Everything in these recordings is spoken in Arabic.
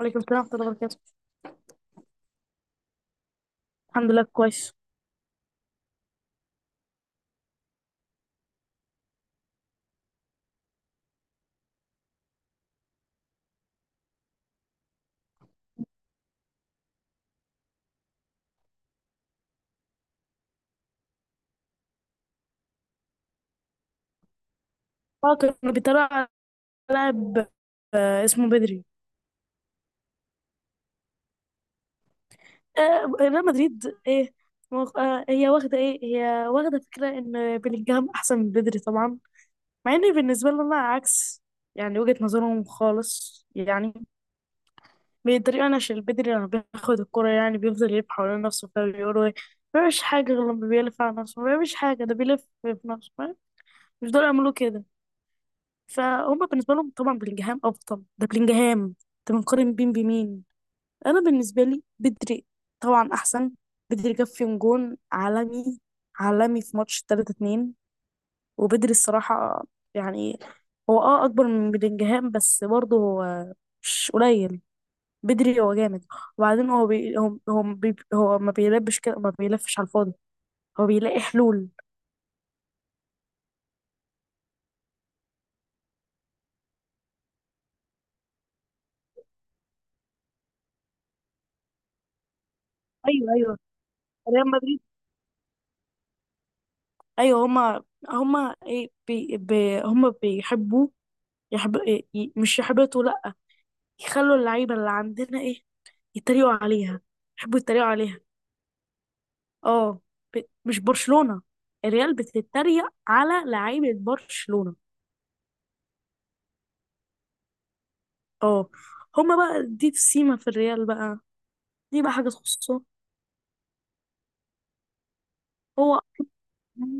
وعليكم السلام ورحمة الله وبركاته. الحمد لله، كويس. اه، كانوا بيتريقوا على لاعب، اسمه بدري. ريال مدريد ايه، هي واخدة فكرة ان بلينجهام احسن من بدري طبعا، مع ان بالنسبة لنا عكس. يعني وجهة نظرهم خالص، يعني بيتريقوا انا عشان بدري لما بياخد الكرة يعني بيفضل يلف حوالين نفسه، فبيقولوا ايه، ما بيعملش حاجة غير لما بيلف على نفسه، ما بيعملش حاجة، ده بيلف في نفسه، فاهم؟ مش دول يعملوا كده. فهم بالنسبه لهم طبعا بلينجهام افضل، ده بلينجهام. انت بنقارن بين بمين؟ انا بالنسبه لي بدري طبعا احسن. بدري جاب فيهم جون عالمي، عالمي في ماتش 3-2. وبدري الصراحه، يعني هو اكبر من بلينجهام، بس برضه هو مش قليل. بدري هو جامد. وبعدين هو ما بيلبش كده، ما بيلفش على الفاضي، هو بيلاقي حلول. ايوه، ايوه، ريال مدريد. ايوه، هما هما ايه بي... بي... هما بيحبوا، مش يحبطوا، لا، يخلوا اللعيبة اللي عندنا ايه يتريقوا عليها، يحبوا يتريقوا عليها. اه، مش برشلونة، الريال بتتريق على لعيبة برشلونة. اه، هما بقى دي السيمة في الريال بقى، دي بقى حاجة تخصه. هو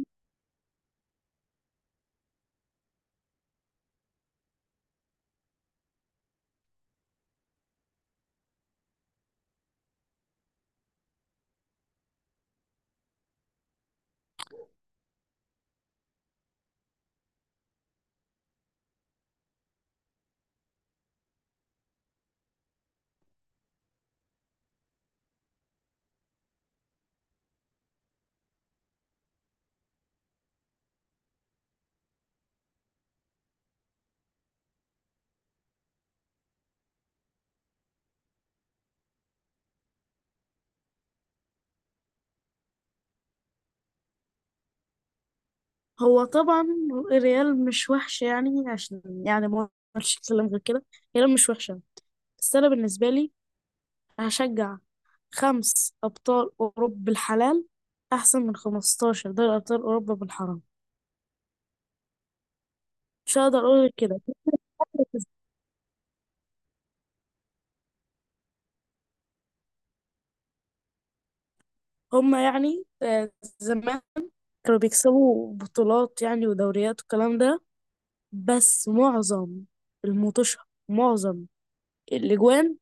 هو طبعا الريال مش وحش، يعني عشان يعني ما اقدرش اتكلم غير كده. الريال مش وحشة، بس انا بالنسبة لي هشجع خمس أبطال أوروبا بالحلال أحسن من 15 دوري أبطال أوروبا بالحرام. مش هقدر أقول غير كده. هما يعني، زمان كانوا بيكسبوا بطولات يعني، ودوريات والكلام ده، بس معظم الموتوشة، معظم الأجوان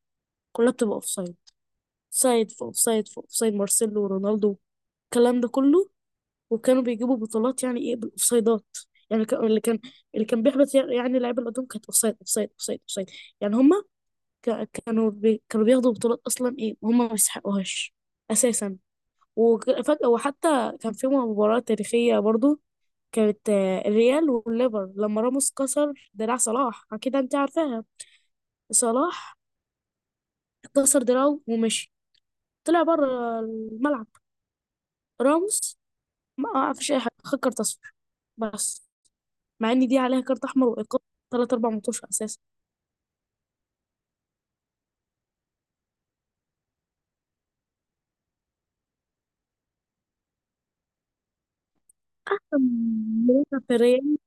كلها بتبقى أوفسايد، سايد في أوفسايد، في أوفسايد مارسيلو ورونالدو، الكلام ده كله. وكانوا بيجيبوا بطولات يعني إيه بالأوفسايدات، يعني كان- اللي كان اللي كان بيحبط، يعني اللعيبه اللي قدام كانت اوفسايد اوفسايد اوفسايد اوفسايد. يعني هم، كانوا بياخدوا بطولات اصلا ايه، وهم ما يستحقوهاش اساسا. وفجأة، وحتى كان في مباراة تاريخية برضو، كانت الريال والليفر لما راموس كسر دراع صلاح، اكيد انت عارفاها. صلاح كسر دراعه ومشي، طلع بره الملعب. راموس، ما فيش اي حاجه، خد كارت اصفر بس، مع ان دي عليها كارت احمر وايقاف ثلاث اربع ماتش اساسا. أحسن مدافع في الريال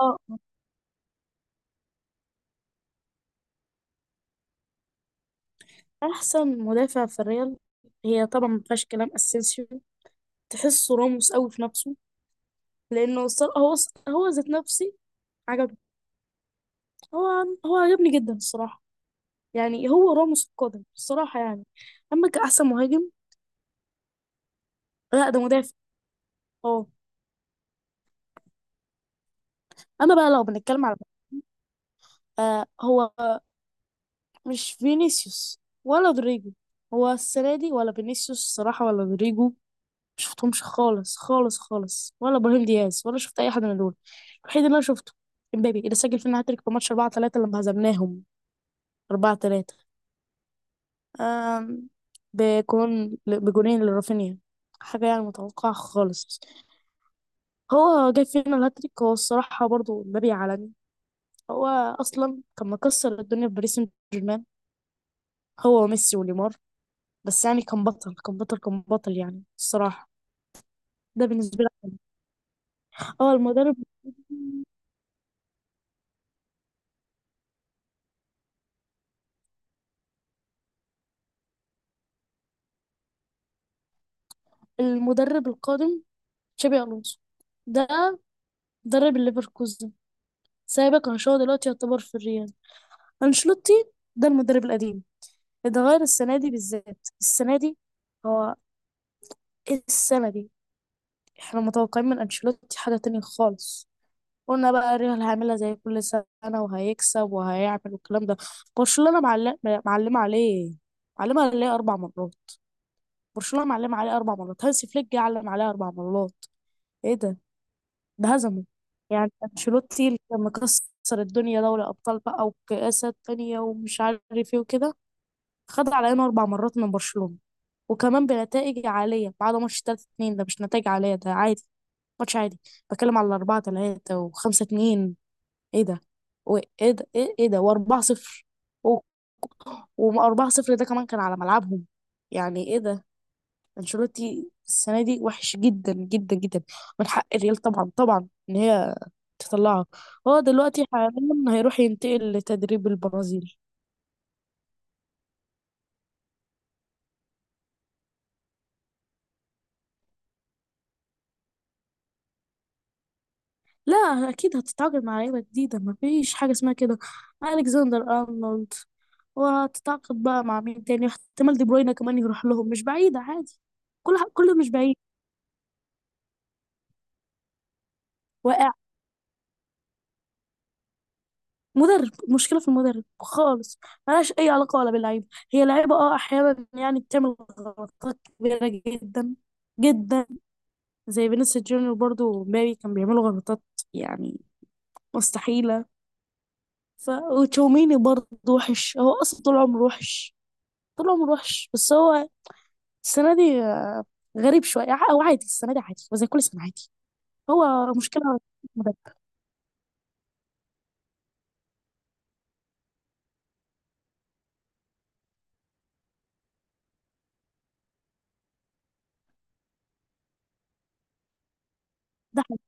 اه احسن مدافع في الريال هي طبعا، ما فيهاش كلام، اسينسيو. تحسه راموس قوي في نفسه، لانه هو ذات نفسي عجبني، هو هو عجبني جدا الصراحه، يعني هو راموس القادم الصراحه يعني. اما كاحسن مهاجم، لا ده مدافع، اه. اما بقى لو بنتكلم على، آه هو آه، مش فينيسيوس ولا رودريجو، هو السنه دي، ولا فينيسيوس الصراحه، ولا رودريجو، مشفتهمش خالص خالص خالص، ولا ابراهيم دياز، ولا شفت اي حد من دول. الوحيد اللي انا شفته امبابي، اللي سجل فينا هاتريك في ماتش 4-3 لما هزمناهم 4-3، آم، بجونين لرافينيا، حاجة يعني متوقعة خالص. هو جاب فينا الهاتريك، هو الصراحة برضو مبابي عالمي، هو أصلا كان مكسر الدنيا في باريس سان جيرمان، هو وميسي ونيمار. بس يعني كان بطل، كان بطل، كان بطل يعني الصراحة. ده بالنسبة لي، اه المدرب المدرب القادم تشابي ألونسو، ده مدرب الليفركوزن، سايبك أنشيلوتي دلوقتي يعتبر في الريال. أنشيلوتي ده المدرب القديم، اتغير السنة دي بالذات، السنة دي هو ايه السنة دي؟ احنا متوقعين من انشيلوتي حاجة تانية خالص، قلنا بقى ريال هيعملها زي كل سنة، وهيكسب وهيعمل والكلام ده. برشلونة معلمة عليه، معلمة عليه أربع مرات، برشلونة معلمة عليه أربع مرات، هانسي فليك جه علم عليه أربع مرات، ايه ده، ده هزمه. يعني انشيلوتي اللي كان مكسر الدنيا دوري أبطال بقى، وكأسات تانية ومش عارف ايه وكده، خد علينا أربع مرات من برشلونة، وكمان بنتائج عالية بعد ماتش 3-2. ده مش نتائج عالية، ده عادي، ماتش عادي. بتكلم على 4-3 و5 2، ايه ده، وايه ده، ايه، إيه ده، و4 0، و4 0 ده كمان كان على ملعبهم. يعني ايه ده، انشيلوتي السنة دي وحش جدا جدا جدا، من حق الريال طبعا طبعا ان هي تطلعه. هو دلوقتي حاليا هيروح ينتقل لتدريب البرازيل. لا، اكيد هتتعاقد مع لعيبه جديده، ما فيش حاجه اسمها كده، الكسندر ارنولد، وهتتعاقد بقى مع مين تاني، احتمال دي بروينا كمان يروح لهم، مش بعيده، عادي، كله مش بعيد. واقع، مدرب، مشكله في المدرب خالص، ملهاش اي علاقه ولا باللعيبه. هي لعيبه احيانا يعني بتعمل غلطات كبيره جدا جدا، زي فينيسيوس جونيور برضو ومبابي كان بيعملوا غلطات، يعني مستحيله. ف وتشاوميني برضو وحش، هو اصلا طول عمره وحش، طول عمره وحش، بس هو السنة دي غريب شوية، هو عادي السنة دي عادي وزي كل سنة عادي. هو مشكلة مدرب. ده حقيقي.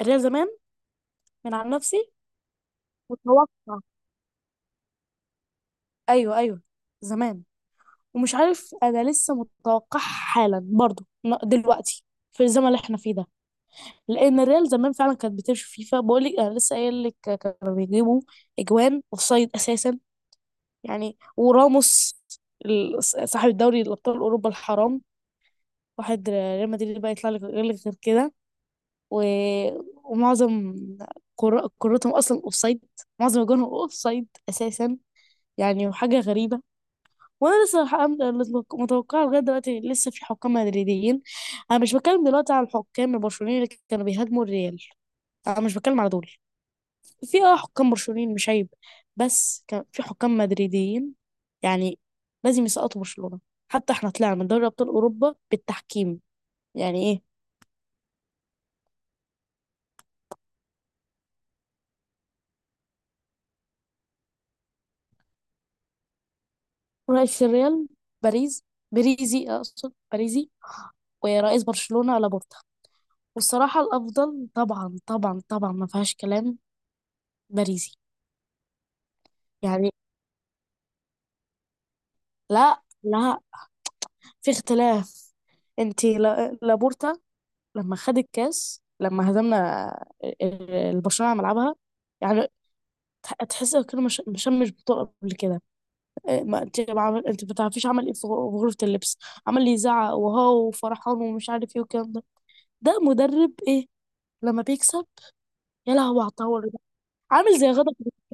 الريال زمان، عن نفسي متوقع. أيوه، أيوه، زمان، ومش عارف، أنا لسه متوقع حالا برضه، دلوقتي في الزمن اللي احنا فيه ده. لأن الريال زمان فعلا كانت بتمشي فيفا، بقول لك، أنا لسه قايل لك كانوا بيجيبوا أجوان أوفسايد أساسا، يعني وراموس صاحب الدوري الأبطال أوروبا الحرام. واحد ريال مدريد بقى يطلع لك غير لك غير كده، و... ومعظم كرتهم اصلا اوفسايد، معظم اجوانهم اوفسايد اساسا. يعني وحاجه غريبه، وانا لسه متوقعه لغايه دلوقتي، لسه في حكام مدريديين. انا مش بتكلم دلوقتي على الحكام البرشلونيين اللي كانوا بيهاجموا الريال، انا مش بتكلم على دول. في حكام برشلونيين مش عيب، بس كان في حكام مدريديين، يعني لازم يسقطوا برشلونه، حتى احنا طلعنا من دوري ابطال اوروبا بالتحكيم، يعني ايه. رئيس الريال باريس بريزي، اقصد باريزي، ورئيس برشلونة لابورتا، والصراحة الافضل طبعا طبعا طبعا ما فيهاش كلام، باريزي، يعني. لا لا، في اختلاف. انت لابورتا لما خد الكاس لما هزمنا البرشلونة على ملعبها، يعني تحس كده، مش بطولة قبل كده. ما انت ما عمل- انت ما تعرفيش عمل ايه في في غرفة اللبس، عمال يزعق وهو وفرحان، ومش عارف ايه والكلام ده. ده مدرب ايه لما بيكسب، يا لهوي على الطاوله ده، عامل زي غضب.